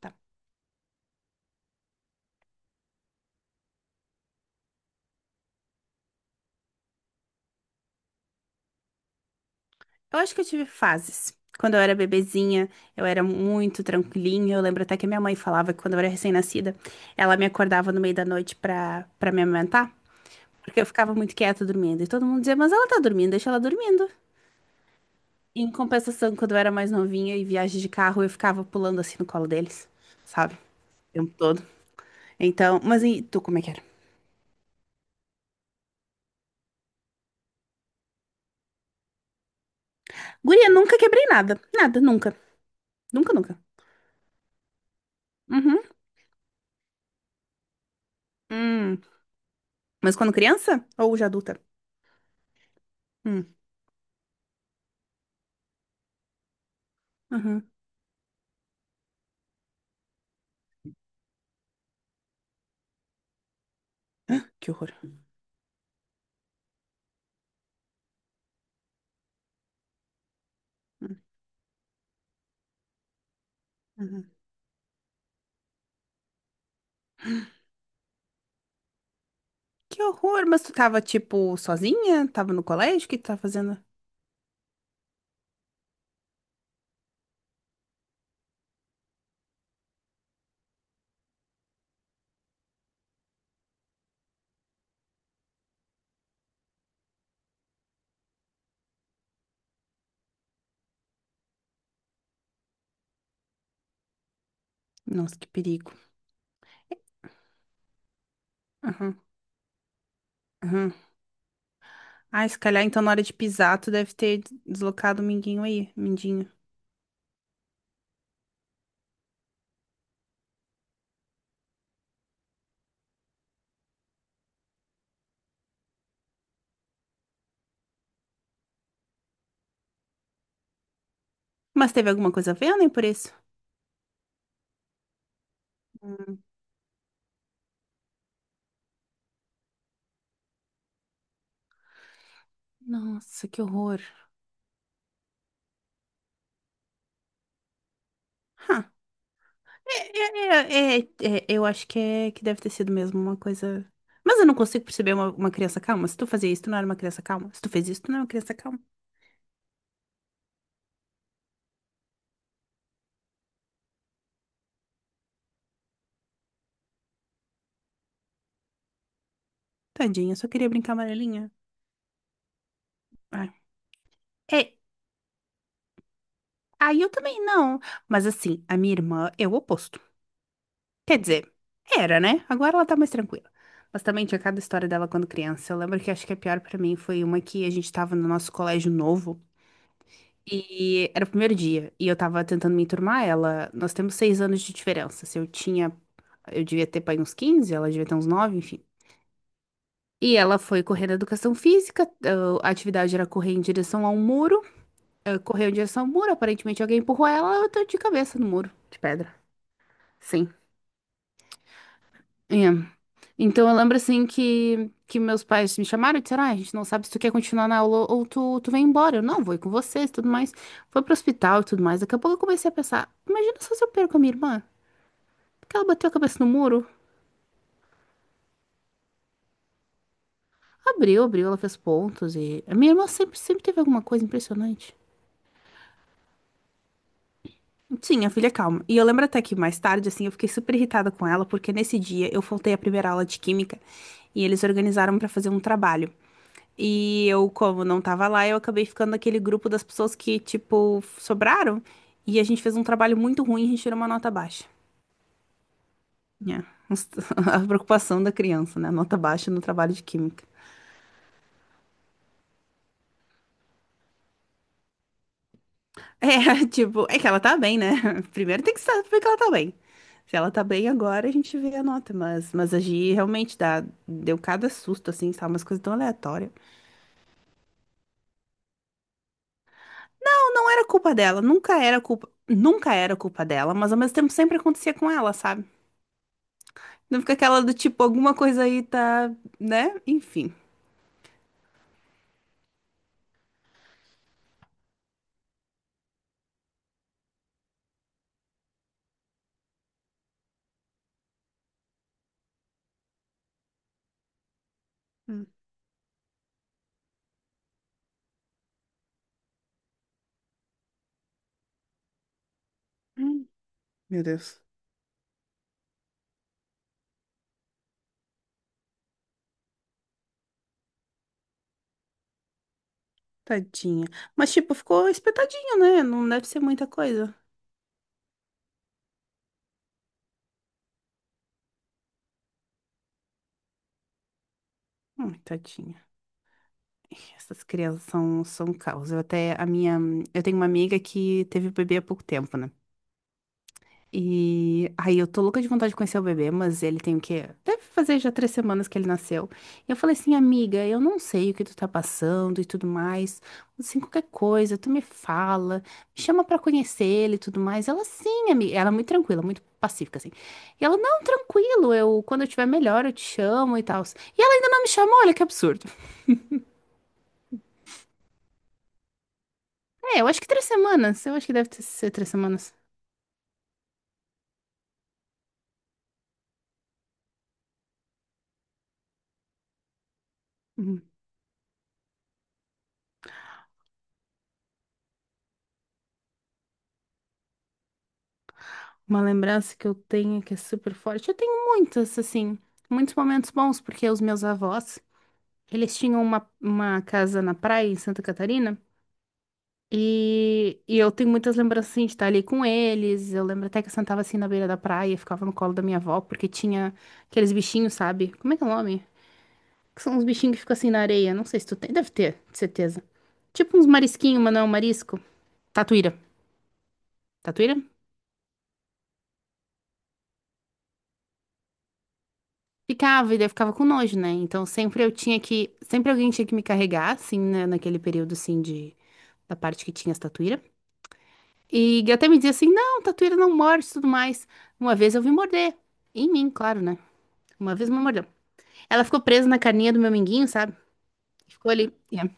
Tá. Eu acho que eu tive fases. Quando eu era bebezinha, eu era muito tranquilinha. Eu lembro até que a minha mãe falava que quando eu era recém-nascida, ela me acordava no meio da noite pra me amamentar, porque eu ficava muito quieta dormindo. E todo mundo dizia, mas ela tá dormindo, deixa ela dormindo. Em compensação, quando eu era mais novinha e viagem de carro, eu ficava pulando assim no colo deles, sabe? O tempo todo. Então, mas e tu, como é que era? Guria, nunca quebrei nada. Nada, nunca. Nunca, nunca. Uhum. Hum. Mas quando criança? Ou já adulta? Hum. Uhum. Que horror. Uhum. Que horror, mas tu tava, tipo, sozinha? Tava no colégio? O que tu tava fazendo? Nossa, que perigo. Aham, aham. Ai, se calhar, então, na hora de pisar, tu deve ter deslocado o minguinho aí, mindinho. Mas teve alguma coisa a ver, nem por isso? Hum. Nossa, que horror. Hã. É, é, eu acho que, é, que deve ter sido mesmo uma coisa. Mas eu não consigo perceber uma criança calma. Se tu fazia isso, tu não era uma criança calma. Se tu fez isso, tu não era uma criança calma. Tadinha, só queria brincar amarelinha. Ai. É, aí eu também não. Mas assim, a minha irmã é o oposto. Quer dizer, era, né? Agora ela tá mais tranquila. Mas também tinha cada história dela quando criança. Eu lembro que acho que a pior pra mim foi uma que a gente tava no nosso colégio novo e era o primeiro dia e eu tava tentando me enturmar ela. Nós temos 6 anos de diferença. Se eu tinha, eu devia ter pai uns 15, ela devia ter uns 9, enfim. E ela foi correr na educação física, ah, a atividade era correr em direção a um muro, ah, correu em direção ao muro, aparentemente alguém empurrou ela, ela deu de cabeça no muro de pedra. Sim. É. Então eu lembro assim que meus pais me chamaram e disseram: ah, a gente não sabe se tu quer continuar na aula ou tu, tu vem embora. Eu não, vou ir com vocês e tudo mais. Foi pro hospital e tudo mais. Daqui a pouco eu comecei a pensar: imagina só se eu perco a minha irmã. Porque ela bateu a cabeça no muro. Abriu, abriu, ela fez pontos e. A minha irmã sempre, sempre teve alguma coisa impressionante. Sim, a filha é calma. E eu lembro até que mais tarde, assim, eu fiquei super irritada com ela, porque nesse dia eu faltei a primeira aula de química e eles organizaram pra fazer um trabalho. E eu, como não tava lá, eu acabei ficando naquele grupo das pessoas que, tipo, sobraram. E a gente fez um trabalho muito ruim e a gente tirou uma nota baixa. É, a preocupação da criança, né? Nota baixa no trabalho de química. É, tipo, é que ela tá bem, né? Primeiro tem que saber que ela tá bem. Se ela tá bem agora, a gente vê a nota. mas, a Gi realmente dá, deu cada susto, assim, sabe? Umas coisas tão aleatórias. Não, não era culpa dela. Nunca era culpa. Nunca era culpa dela, mas ao mesmo tempo sempre acontecia com ela, sabe? Não fica aquela do tipo, alguma coisa aí tá, né? Enfim. Hum, hum. Meu Deus, tadinha. Mas, tipo, ficou espetadinho, né? Não deve ser muita coisa. Ai, tadinha. Ih, essas crianças são, são um caos. Eu até, a minha, Eu tenho uma amiga que teve bebê há pouco tempo, né? E aí eu tô louca de vontade de conhecer o bebê, mas ele tem o quê? Deve fazer já 3 semanas que ele nasceu. E eu falei assim, amiga, eu não sei o que tu tá passando e tudo mais. Assim, qualquer coisa, tu me fala, me chama pra conhecer ele e tudo mais. Ela, sim, amiga. Ela é muito tranquila, muito pacífica, assim. E ela, não, tranquilo, eu, quando eu tiver melhor, eu te chamo e tal. E ela ainda não me chamou, olha que absurdo. É, eu acho que 3 semanas, eu acho que ser 3 semanas. Uhum. Uma lembrança que eu tenho que é super forte. Eu tenho muitas, assim, muitos momentos bons, porque os meus avós, eles tinham uma casa na praia em Santa Catarina. E eu tenho muitas lembranças assim, de estar ali com eles. Eu lembro até que eu sentava assim na beira da praia, ficava no colo da minha avó, porque tinha aqueles bichinhos, sabe? Como é que é o nome? Que são uns bichinhos que ficam assim na areia. Não sei se tu tem. Deve ter, de certeza. Tipo uns marisquinhos, mas não é um marisco. Tatuíra. Tatuíra? Ficava, e daí eu ficava com nojo, né? Então sempre eu tinha que. Sempre alguém tinha que me carregar, assim, né? Naquele período, assim, de. Da parte que tinha as tatuíra. E até me dizia assim: não, tatuíra não morde e tudo mais. Uma vez eu vi morder. Em mim, claro, né? Uma vez me mordeu. Ela ficou presa na carninha do meu minguinho, sabe? Ficou ali. Yeah,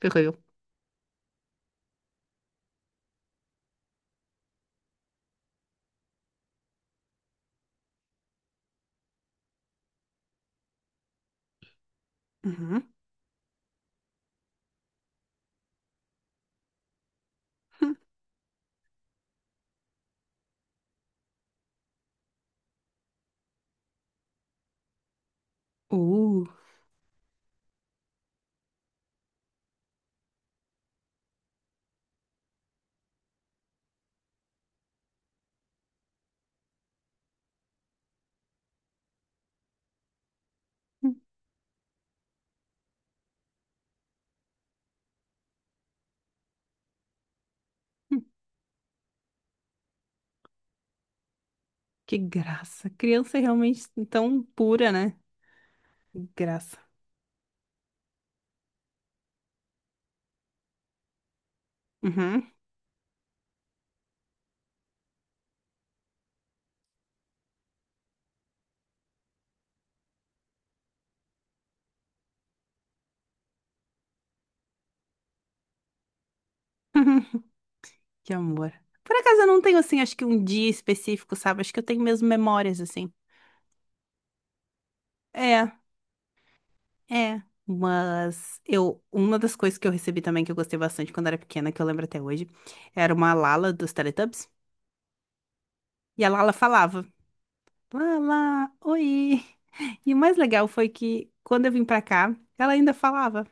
ferrou eu. Uhum. Uh, que graça. Criança é realmente tão pura, né? Que graça. Uhum. Que amor. Por acaso eu não tenho, assim, acho que um dia específico, sabe? Acho que eu tenho mesmo memórias, assim. É, é. Mas eu, uma das coisas que eu recebi também que eu gostei bastante quando era pequena, que eu lembro até hoje, era uma Lala dos Teletubbies. E a Lala falava: Lala, oi. E o mais legal foi que quando eu vim pra cá, ela ainda falava.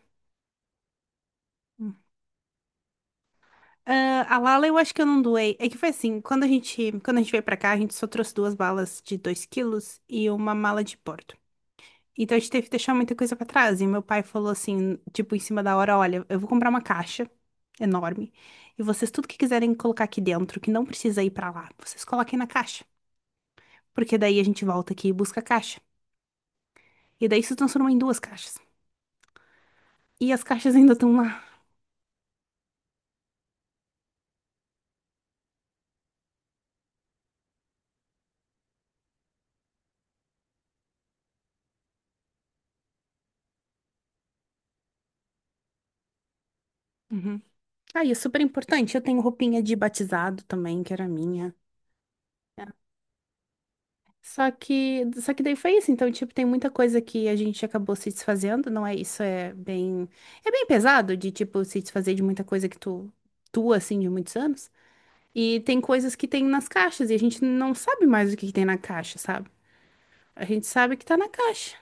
Ah, a Lala eu acho que eu não doei. É que foi assim, quando a gente veio pra cá, a gente só trouxe duas balas de 2 quilos e uma mala de pó. Então a gente teve que deixar muita coisa pra trás. E meu pai falou assim, tipo, em cima da hora, olha, eu vou comprar uma caixa enorme e vocês tudo que quiserem colocar aqui dentro, que não precisa ir pra lá, vocês coloquem na caixa, porque daí a gente volta aqui e busca a caixa. E daí se transformou em duas caixas. E as caixas ainda estão lá. Uhum. Ah, e é super importante. Eu tenho roupinha de batizado também, que era minha. Só que daí foi isso. Então, tipo, tem muita coisa que a gente acabou se desfazendo, não é isso? É bem pesado de, tipo, se desfazer de muita coisa que tu, tu, assim, de muitos anos. E tem coisas que tem nas caixas e a gente não sabe mais o que que tem na caixa, sabe? A gente sabe que tá na caixa.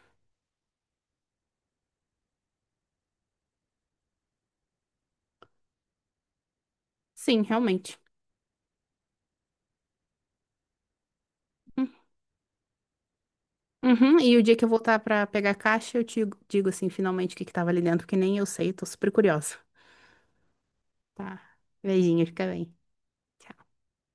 Sim, realmente. Hum. Uhum. E o dia que eu voltar pra pegar a caixa, eu te digo, assim, finalmente o que que tava ali dentro, que nem eu sei, tô super curiosa. Tá. Beijinho, fica bem. Tchau.